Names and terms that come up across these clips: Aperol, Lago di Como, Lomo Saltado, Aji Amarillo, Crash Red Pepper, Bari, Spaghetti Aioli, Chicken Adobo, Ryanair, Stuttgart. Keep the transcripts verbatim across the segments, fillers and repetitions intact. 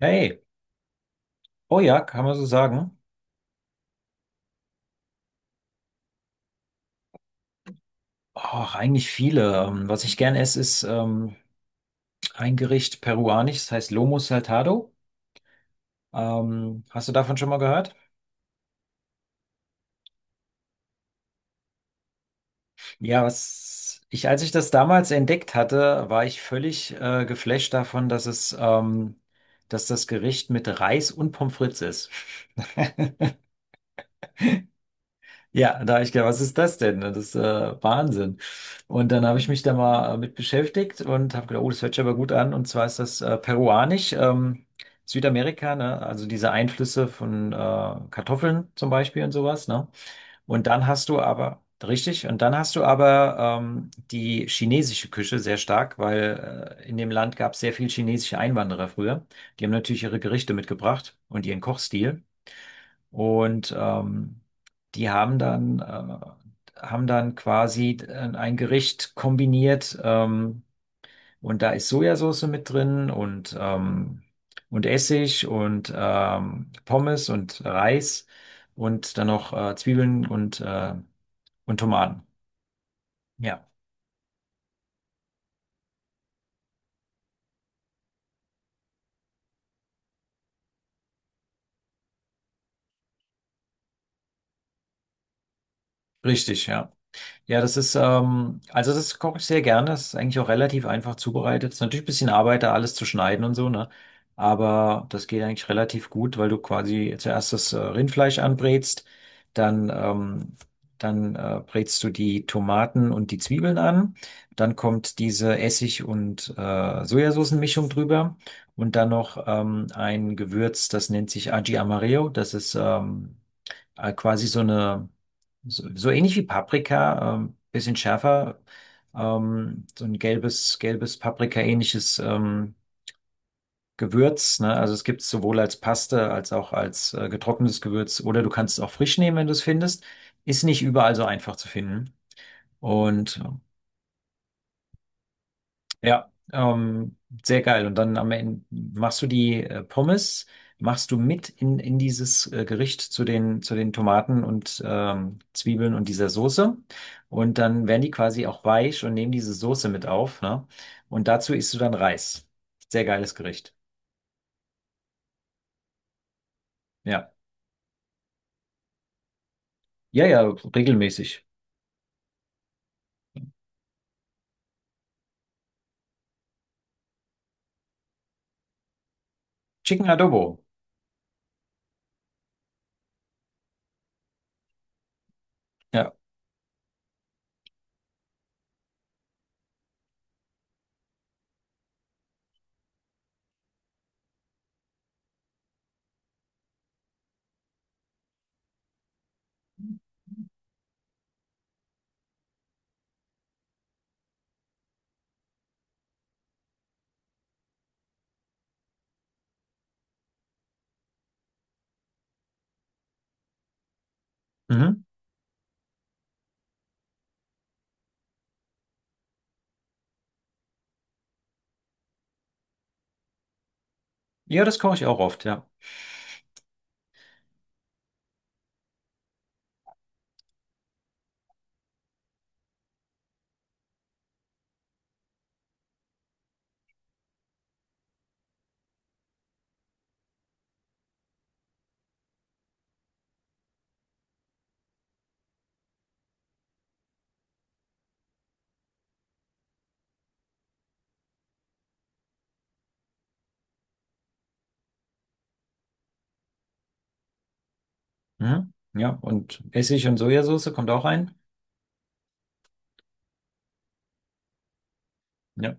Hey, oh ja, kann man so sagen? Ach, eigentlich viele. Ähm, Was ich gern esse, ist ähm, ein Gericht peruanisch, das heißt Lomo Saltado. Ähm, hast du davon schon mal gehört? Ja, was ich, als ich das damals entdeckt hatte, war ich völlig äh, geflasht davon, dass es, ähm, dass das Gericht mit Reis und Pommes frites ist. Ja, da habe ich gedacht, was ist das denn? Das ist äh, Wahnsinn. Und dann habe ich mich da mal äh, mit beschäftigt und habe gedacht, oh, das hört sich aber gut an. Und zwar ist das äh, peruanisch, ähm, Südamerika, ne? Also diese Einflüsse von äh, Kartoffeln zum Beispiel und sowas, ne? Und dann hast du aber, richtig, und dann hast du aber ähm, die chinesische Küche sehr stark, weil äh, in dem Land gab es sehr viel chinesische Einwanderer früher. Die haben natürlich ihre Gerichte mitgebracht und ihren Kochstil. Und ähm, die haben dann, äh, haben dann quasi äh, ein Gericht kombiniert ähm, und da ist Sojasauce mit drin und, ähm, und Essig und ähm, Pommes und Reis und dann noch äh, Zwiebeln und, äh, und Tomaten. Ja, richtig, ja. Ja, das ist, ähm, also das koche ich sehr gerne. Das ist eigentlich auch relativ einfach zubereitet. Ist natürlich ein bisschen Arbeit, da alles zu schneiden und so, ne? Aber das geht eigentlich relativ gut, weil du quasi zuerst das äh, Rindfleisch anbrätst, dann, ähm, dann äh, brätst du die Tomaten und die Zwiebeln an, dann kommt diese Essig- und äh, Sojasoßenmischung drüber und dann noch ähm, ein Gewürz, das nennt sich Aji Amarillo. Das ist ähm, äh, quasi so eine so, so ähnlich wie Paprika, ähm, bisschen schärfer, ähm, so ein gelbes, gelbes Paprika-ähnliches ähm, Gewürz, ne? Also es gibt es sowohl als Paste als auch als äh, getrocknetes Gewürz oder du kannst es auch frisch nehmen, wenn du es findest. Ist nicht überall so einfach zu finden. Und ähm, Ja, ähm, Sehr geil. Und dann am Ende machst du die äh, Pommes, machst du mit in, in dieses äh, Gericht zu den, zu den Tomaten und ähm, Zwiebeln und dieser Soße. Und dann werden die quasi auch weich und nehmen diese Soße mit auf, ne? Und dazu isst du dann Reis. Sehr geiles Gericht. Ja. Ja, ja, regelmäßig. Chicken Adobo. Ja. Mhm. Ja, das koche ich auch oft, ja. Mhm. Ja. Und Essig und Sojasauce kommt auch rein. Ja.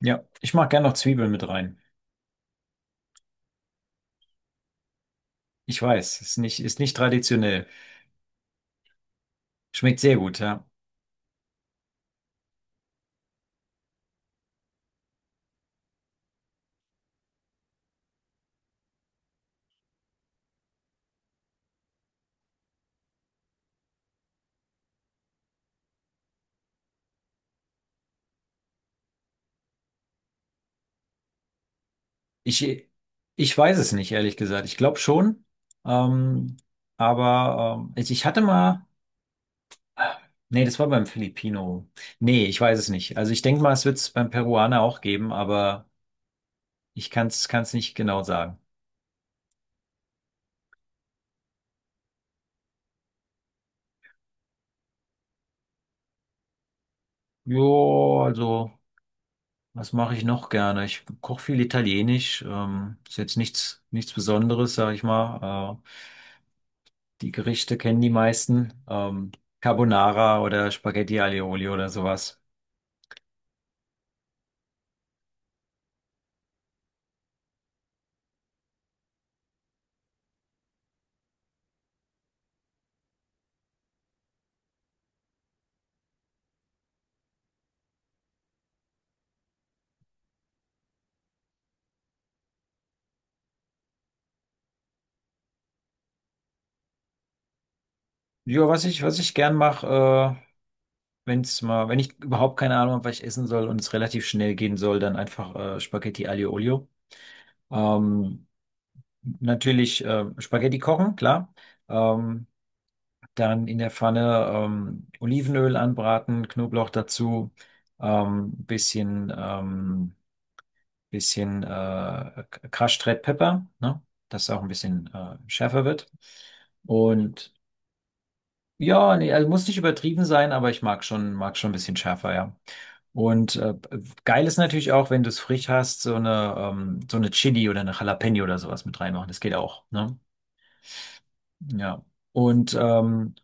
Ja. Ich mache gerne noch Zwiebeln mit rein. Ich weiß, ist nicht, ist nicht traditionell. Schmeckt sehr gut, ja. Ich, ich weiß es nicht, ehrlich gesagt. Ich glaube schon. Ähm, aber ähm, ich, ich hatte mal. Nee, das war beim Filipino. Nee, ich weiß es nicht. Also ich denke mal, es wird es beim Peruaner auch geben, aber ich kann es kann es nicht genau sagen. Jo, also, was mache ich noch gerne? Ich koche viel Italienisch. Ähm, ist jetzt nichts, nichts Besonderes, sag ich mal. Äh, Die Gerichte kennen die meisten. Ähm, Carbonara oder Spaghetti Aioli oder sowas. Ja, was ich, was ich gern mache, äh, wenn's mal, wenn ich überhaupt keine Ahnung habe, was ich essen soll und es relativ schnell gehen soll, dann einfach äh, Spaghetti Aioli. Ähm, natürlich äh, Spaghetti kochen, klar. Ähm, dann in der Pfanne ähm, Olivenöl anbraten, Knoblauch dazu, ähm, bisschen ähm, bisschen äh, Crash Red Pepper, ne? Dass es auch ein bisschen äh, schärfer wird. Und ja, nee, also muss nicht übertrieben sein, aber ich mag schon, mag schon ein bisschen schärfer, ja. Und äh, geil ist natürlich auch, wenn du es frisch hast, so eine, ähm, so eine Chili oder eine Jalapeno oder sowas mit reinmachen. Das geht auch, ne? Ja. Und ähm,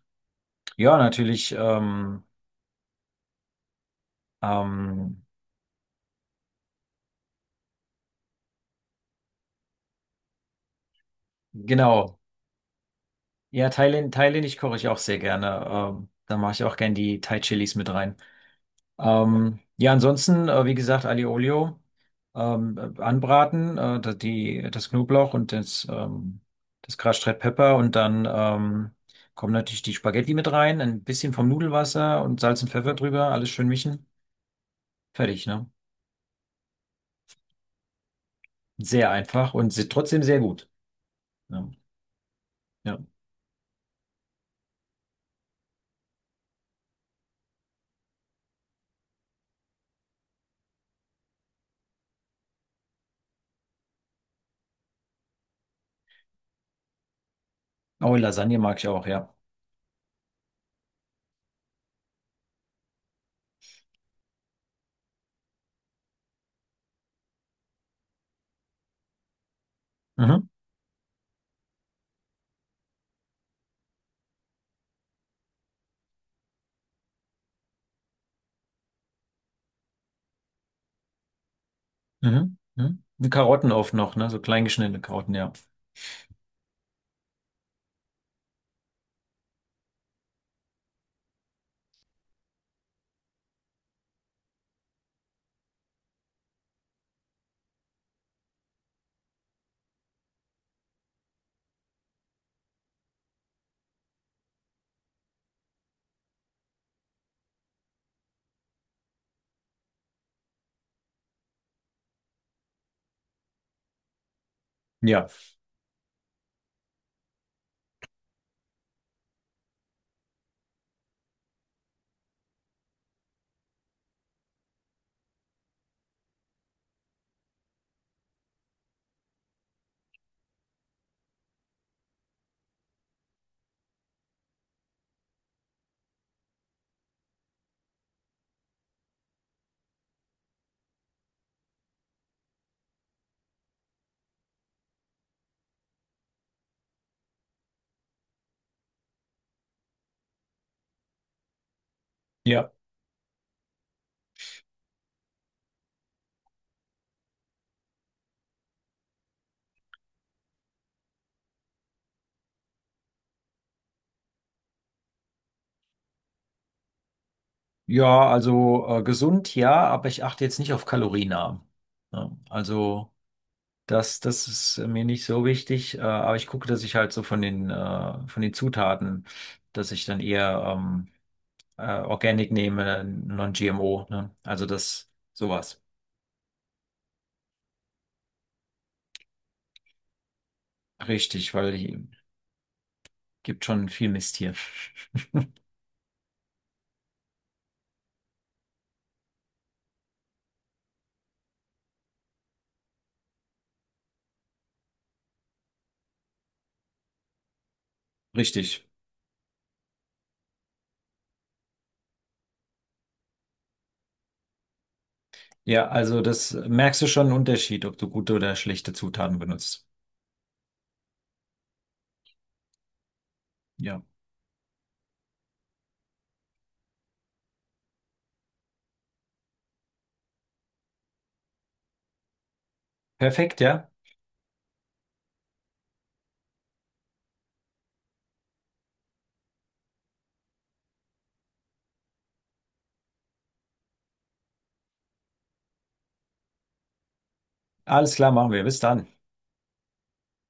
ja, natürlich, ähm, ähm, genau. Ja, Thailänd, thailändisch koche ich auch sehr gerne. Ähm, da mache ich auch gerne die Thai-Chilis mit rein. Ähm, ja, ansonsten, äh, wie gesagt, Aliolio ähm, äh, anbraten, äh, da- die, das Knoblauch und das, ähm, das Crushed Red Pepper und dann ähm, kommen natürlich die Spaghetti mit rein, ein bisschen vom Nudelwasser und Salz und Pfeffer drüber, alles schön mischen. Fertig, ne? Sehr einfach und se- trotzdem sehr gut. Ja. Ja. Oh, Lasagne mag ich auch, ja. Mhm, mhm, mhm. Und Karotten oft noch, ne? So klein geschnittene Karotten, ja. Ja, ja. Ja, also äh, gesund, ja, aber ich achte jetzt nicht auf Kalorienarm. Ja, also das, das ist mir nicht so wichtig, äh, aber ich gucke, dass ich halt so von den, äh, von den Zutaten, dass ich dann eher ähm, äh, Organic nehme, Non-G M O, ne? Also das, sowas. Richtig, weil hier gibt schon viel Mist hier. Richtig. Ja, also das merkst du schon einen Unterschied, ob du gute oder schlechte Zutaten benutzt. Ja. Perfekt, ja. Alles klar, machen wir. Bis dann.